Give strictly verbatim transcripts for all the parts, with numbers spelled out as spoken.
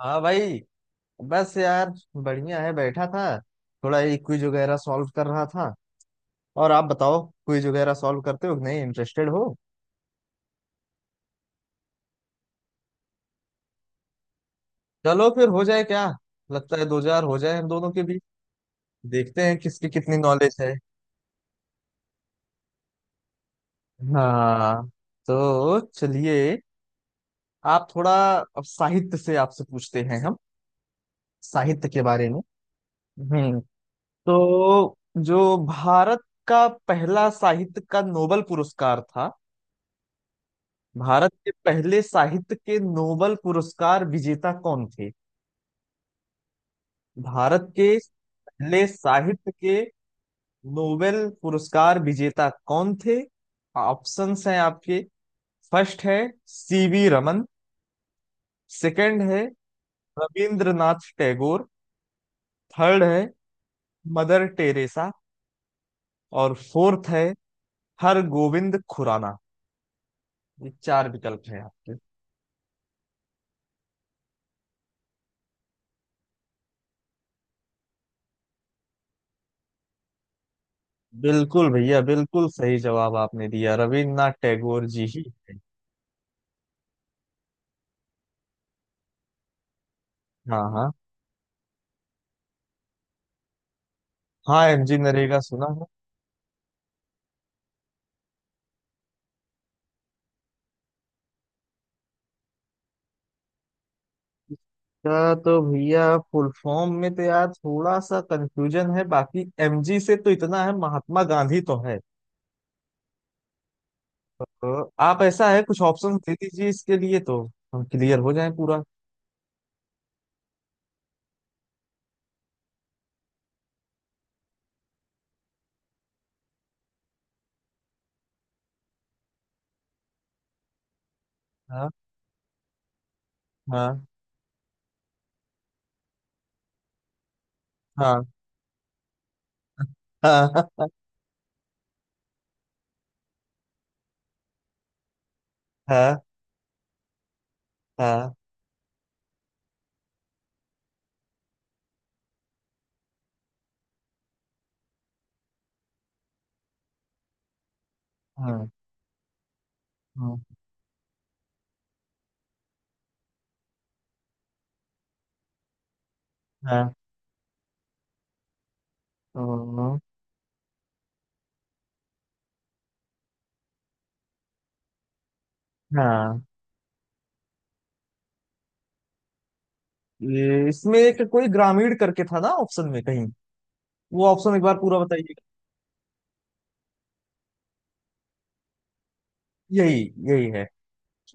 हाँ भाई। बस यार, बढ़िया है, बैठा था। थोड़ा ये क्विज वगैरह सॉल्व कर रहा था। और आप बताओ, क्विज वगैरह सॉल्व करते हो कि नहीं, इंटरेस्टेड हो? चलो फिर हो जाए क्या। लगता है दो हजार हो जाए हम दोनों के बीच। देखते हैं किसकी कितनी नॉलेज है। हाँ, तो चलिए। आप थोड़ा अब साहित्य से आपसे पूछते हैं हम, साहित्य के बारे में। हम्म। तो जो भारत का पहला साहित्य का नोबल पुरस्कार था, भारत के पहले साहित्य के नोबेल पुरस्कार विजेता कौन थे? भारत के पहले साहित्य के नोबेल पुरस्कार विजेता कौन थे? ऑप्शंस हैं आपके। फर्स्ट है सीवी रमन। सेकंड है रविंद्रनाथ टैगोर। थर्ड है मदर टेरेसा। और फोर्थ है हर गोविंद खुराना। ये चार विकल्प हैं आपके। बिल्कुल भैया, बिल्कुल सही जवाब आपने दिया, रविन्द्रनाथ टैगोर जी ही थे। हाँ, हाँ। हाँ, एमजी नरेगा सुना है। का तो भैया फुल फॉर्म में तो यार थोड़ा सा कंफ्यूजन है, बाकी एमजी से तो इतना है, महात्मा गांधी तो है। तो आप ऐसा है कुछ ऑप्शन दे दीजिए इसके लिए, तो हम क्लियर हो जाए पूरा। हाँ। हाँ। हाँ। हाँ। हाँ। हाँ। हाँ। हाँ। हाँ। हाँ, हाँ। ये इसमें एक कोई ग्रामीण करके था ना ऑप्शन में कहीं, वो ऑप्शन एक बार पूरा बताइए। यही, यही है,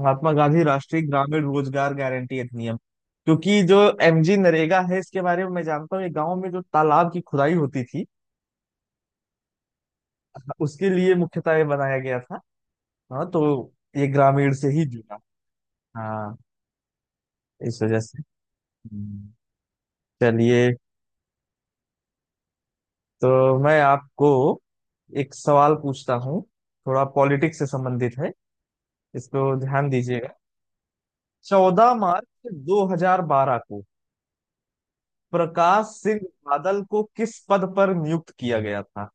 महात्मा गांधी राष्ट्रीय ग्रामीण रोजगार गारंटी अधिनियम। क्योंकि जो एमजी नरेगा है इसके बारे में मैं जानता हूँ, ये गांव में जो तालाब की खुदाई होती थी, उसके लिए मुख्यतः ये बनाया गया था। हाँ, तो ये ग्रामीण से ही जुड़ा। हाँ, इस वजह से। हम्म। चलिए, तो मैं आपको एक सवाल पूछता हूँ, थोड़ा पॉलिटिक्स से संबंधित है, इसको ध्यान दीजिएगा। चौदह मार्च दो हज़ार बारह को प्रकाश सिंह बादल को किस पद पर नियुक्त किया गया था?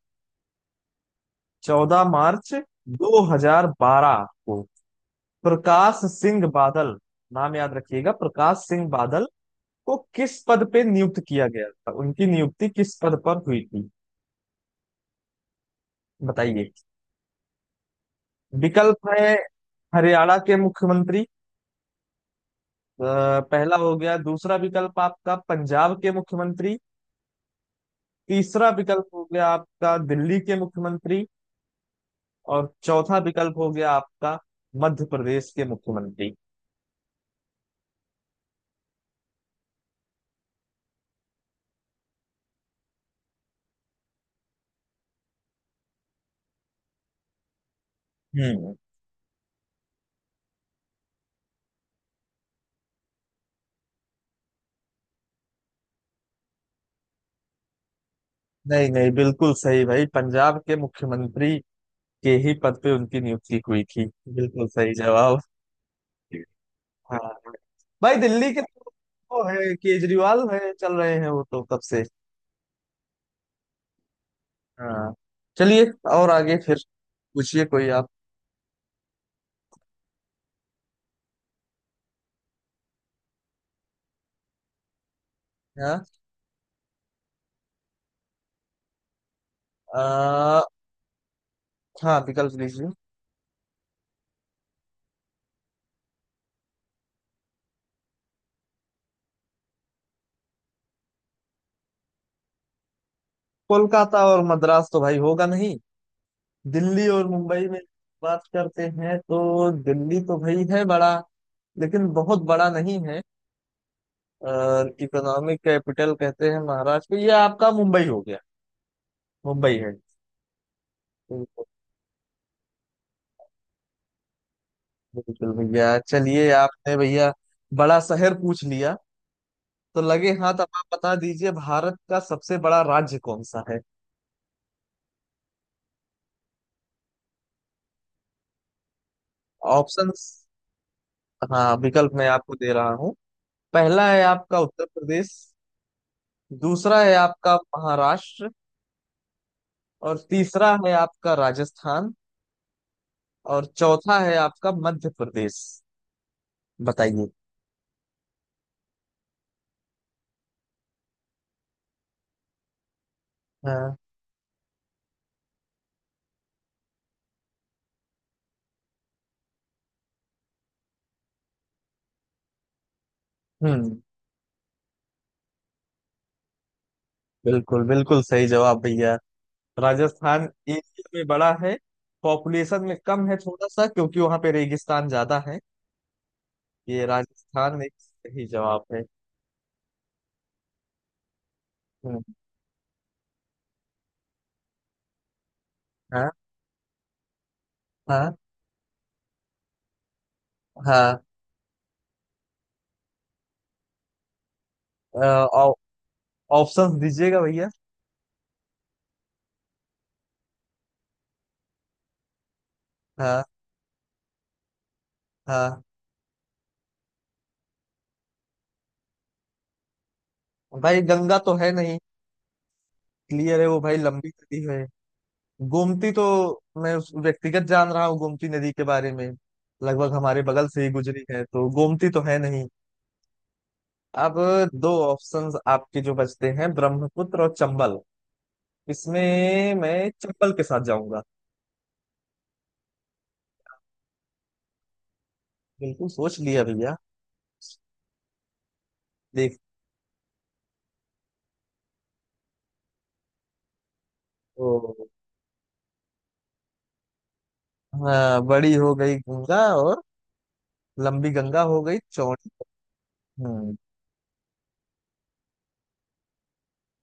चौदह मार्च दो हज़ार बारह को प्रकाश सिंह बादल, नाम याद रखिएगा, प्रकाश सिंह बादल को किस पद पे नियुक्त किया गया था, उनकी नियुक्ति किस पद पर हुई थी? बताइए। विकल्प है हरियाणा के मुख्यमंत्री, अ, पहला हो गया। दूसरा विकल्प आपका पंजाब के मुख्यमंत्री। तीसरा विकल्प हो गया आपका दिल्ली के मुख्यमंत्री। और चौथा विकल्प हो गया आपका मध्य प्रदेश के मुख्यमंत्री। हम्म। नहीं नहीं, बिल्कुल सही भाई, पंजाब के मुख्यमंत्री के ही पद पे उनकी नियुक्ति हुई थी। बिल्कुल सही जवाब। हाँ भाई, दिल्ली के तो वो है केजरीवाल है, चल रहे हैं वो तो कब से। हाँ, चलिए। और आगे फिर पूछिए कोई आप। हाँ। आ, हाँ, विकल्प दीजिए। कोलकाता और मद्रास तो भाई होगा नहीं, दिल्ली और मुंबई में बात करते हैं। तो दिल्ली तो भाई है बड़ा, लेकिन बहुत बड़ा नहीं है। इकोनॉमिक कैपिटल कहते हैं महाराष्ट्र को, ये आपका मुंबई हो गया। मुंबई है। बिल्कुल बिल्कुल भैया। चलिए आपने भैया बड़ा शहर पूछ लिया, तो लगे हाथ अब आप बता दीजिए भारत का सबसे बड़ा राज्य कौन सा है। ऑप्शंस। हाँ, विकल्प मैं आपको दे रहा हूँ। पहला है आपका उत्तर प्रदेश। दूसरा है आपका महाराष्ट्र। और तीसरा है आपका राजस्थान। और चौथा है आपका मध्य प्रदेश। बताइए। हाँ। हम्म। बिल्कुल बिल्कुल सही जवाब भैया। राजस्थान एशिया में बड़ा है। पॉपुलेशन में कम है थोड़ा सा, क्योंकि वहां पे रेगिस्तान ज्यादा है। ये राजस्थान एक सही जवाब है। हम्म। हाँ। हाँ। हाँ। ऑप्शंस दीजिएगा भैया। हाँ। हाँ, भाई गंगा तो है नहीं, क्लियर है, वो भाई लंबी नदी है। गोमती तो मैं उस व्यक्तिगत जान रहा हूँ गोमती नदी के बारे में, लगभग हमारे बगल से ही गुजरी है, तो गोमती तो है नहीं। अब दो ऑप्शंस आपके जो बचते हैं ब्रह्मपुत्र और चंबल, इसमें मैं चंबल के साथ जाऊंगा। बिल्कुल सोच लिया भैया, देख। तो हाँ, बड़ी हो गई गंगा, और लंबी गंगा हो गई चौड़ी। हम्म।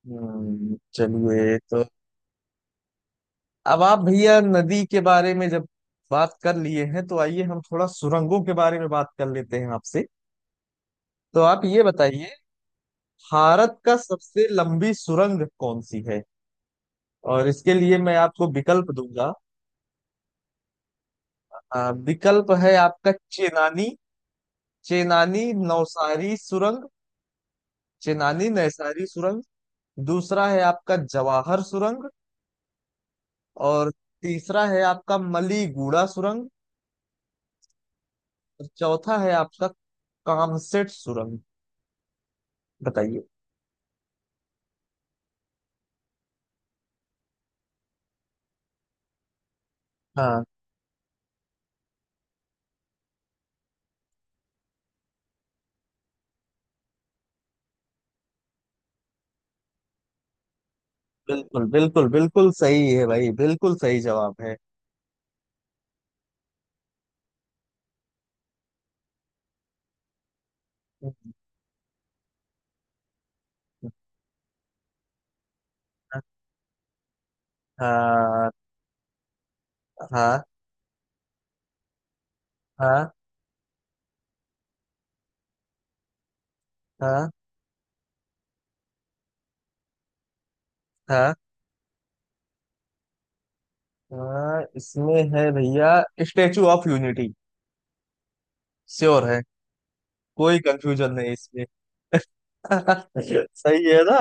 हम्म, चलिए। तो अब आप भैया नदी के बारे में जब बात कर लिए हैं, तो आइए हम थोड़ा सुरंगों के बारे में बात कर लेते हैं आपसे। तो आप ये बताइए, भारत का सबसे लंबी सुरंग कौन सी है, और इसके लिए मैं आपको विकल्प दूंगा। आ, विकल्प है आपका चेनानी, चेनानी नौसारी सुरंग, चेनानी नैसारी सुरंग। दूसरा है आपका जवाहर सुरंग। और तीसरा है आपका मलीगुड़ा सुरंग। और चौथा है आपका कामसेट सुरंग। बताइए। हाँ, बिल्कुल बिल्कुल बिल्कुल सही है भाई, बिल्कुल सही जवाब है। हाँ। हाँ। हाँ। हाँ। हाँ। हाँ, इसमें है भैया, स्टेचू ऑफ यूनिटी, श्योर है। कोई कंफ्यूजन नहीं इसमें। सही है ना?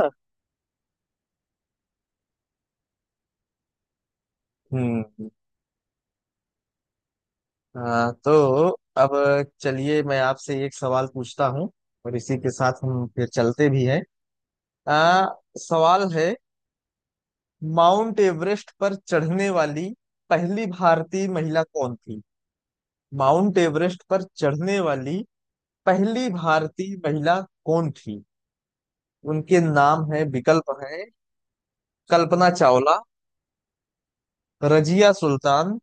हम्म। हाँ, तो अब चलिए मैं आपसे एक सवाल पूछता हूँ, और इसी के साथ हम फिर चलते भी हैं। आ, सवाल है, माउंट एवरेस्ट पर चढ़ने वाली पहली भारतीय महिला कौन थी? माउंट एवरेस्ट पर चढ़ने वाली पहली भारतीय महिला कौन थी? उनके नाम है, विकल्प है कल्पना चावला, रजिया सुल्तान,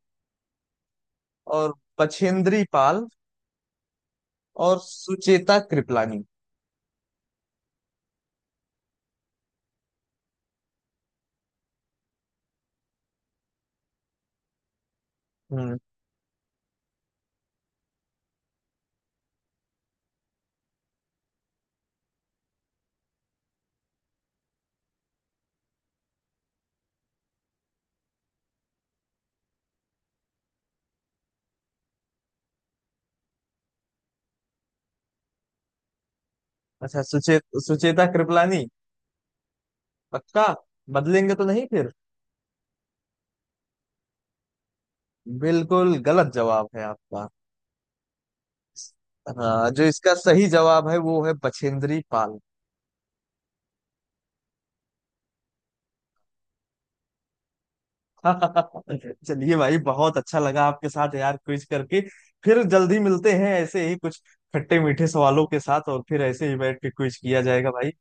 और बछेंद्री पाल, और सुचेता कृपलानी। हम्म। अच्छा, सुचे, सुचेता कृपलानी? पक्का? बदलेंगे तो नहीं फिर? बिल्कुल गलत जवाब है आपका। हाँ, जो इसका सही जवाब है वो है बछेंद्री पाल। चलिए भाई, बहुत अच्छा लगा आपके साथ यार क्विज करके। फिर जल्दी मिलते हैं ऐसे ही कुछ खट्टे मीठे सवालों के साथ, और फिर ऐसे ही बैठ के क्विज किया जाएगा भाई।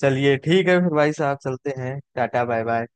चलिए ठीक है, फिर भाई साहब चलते हैं, टाटा बाय बाय।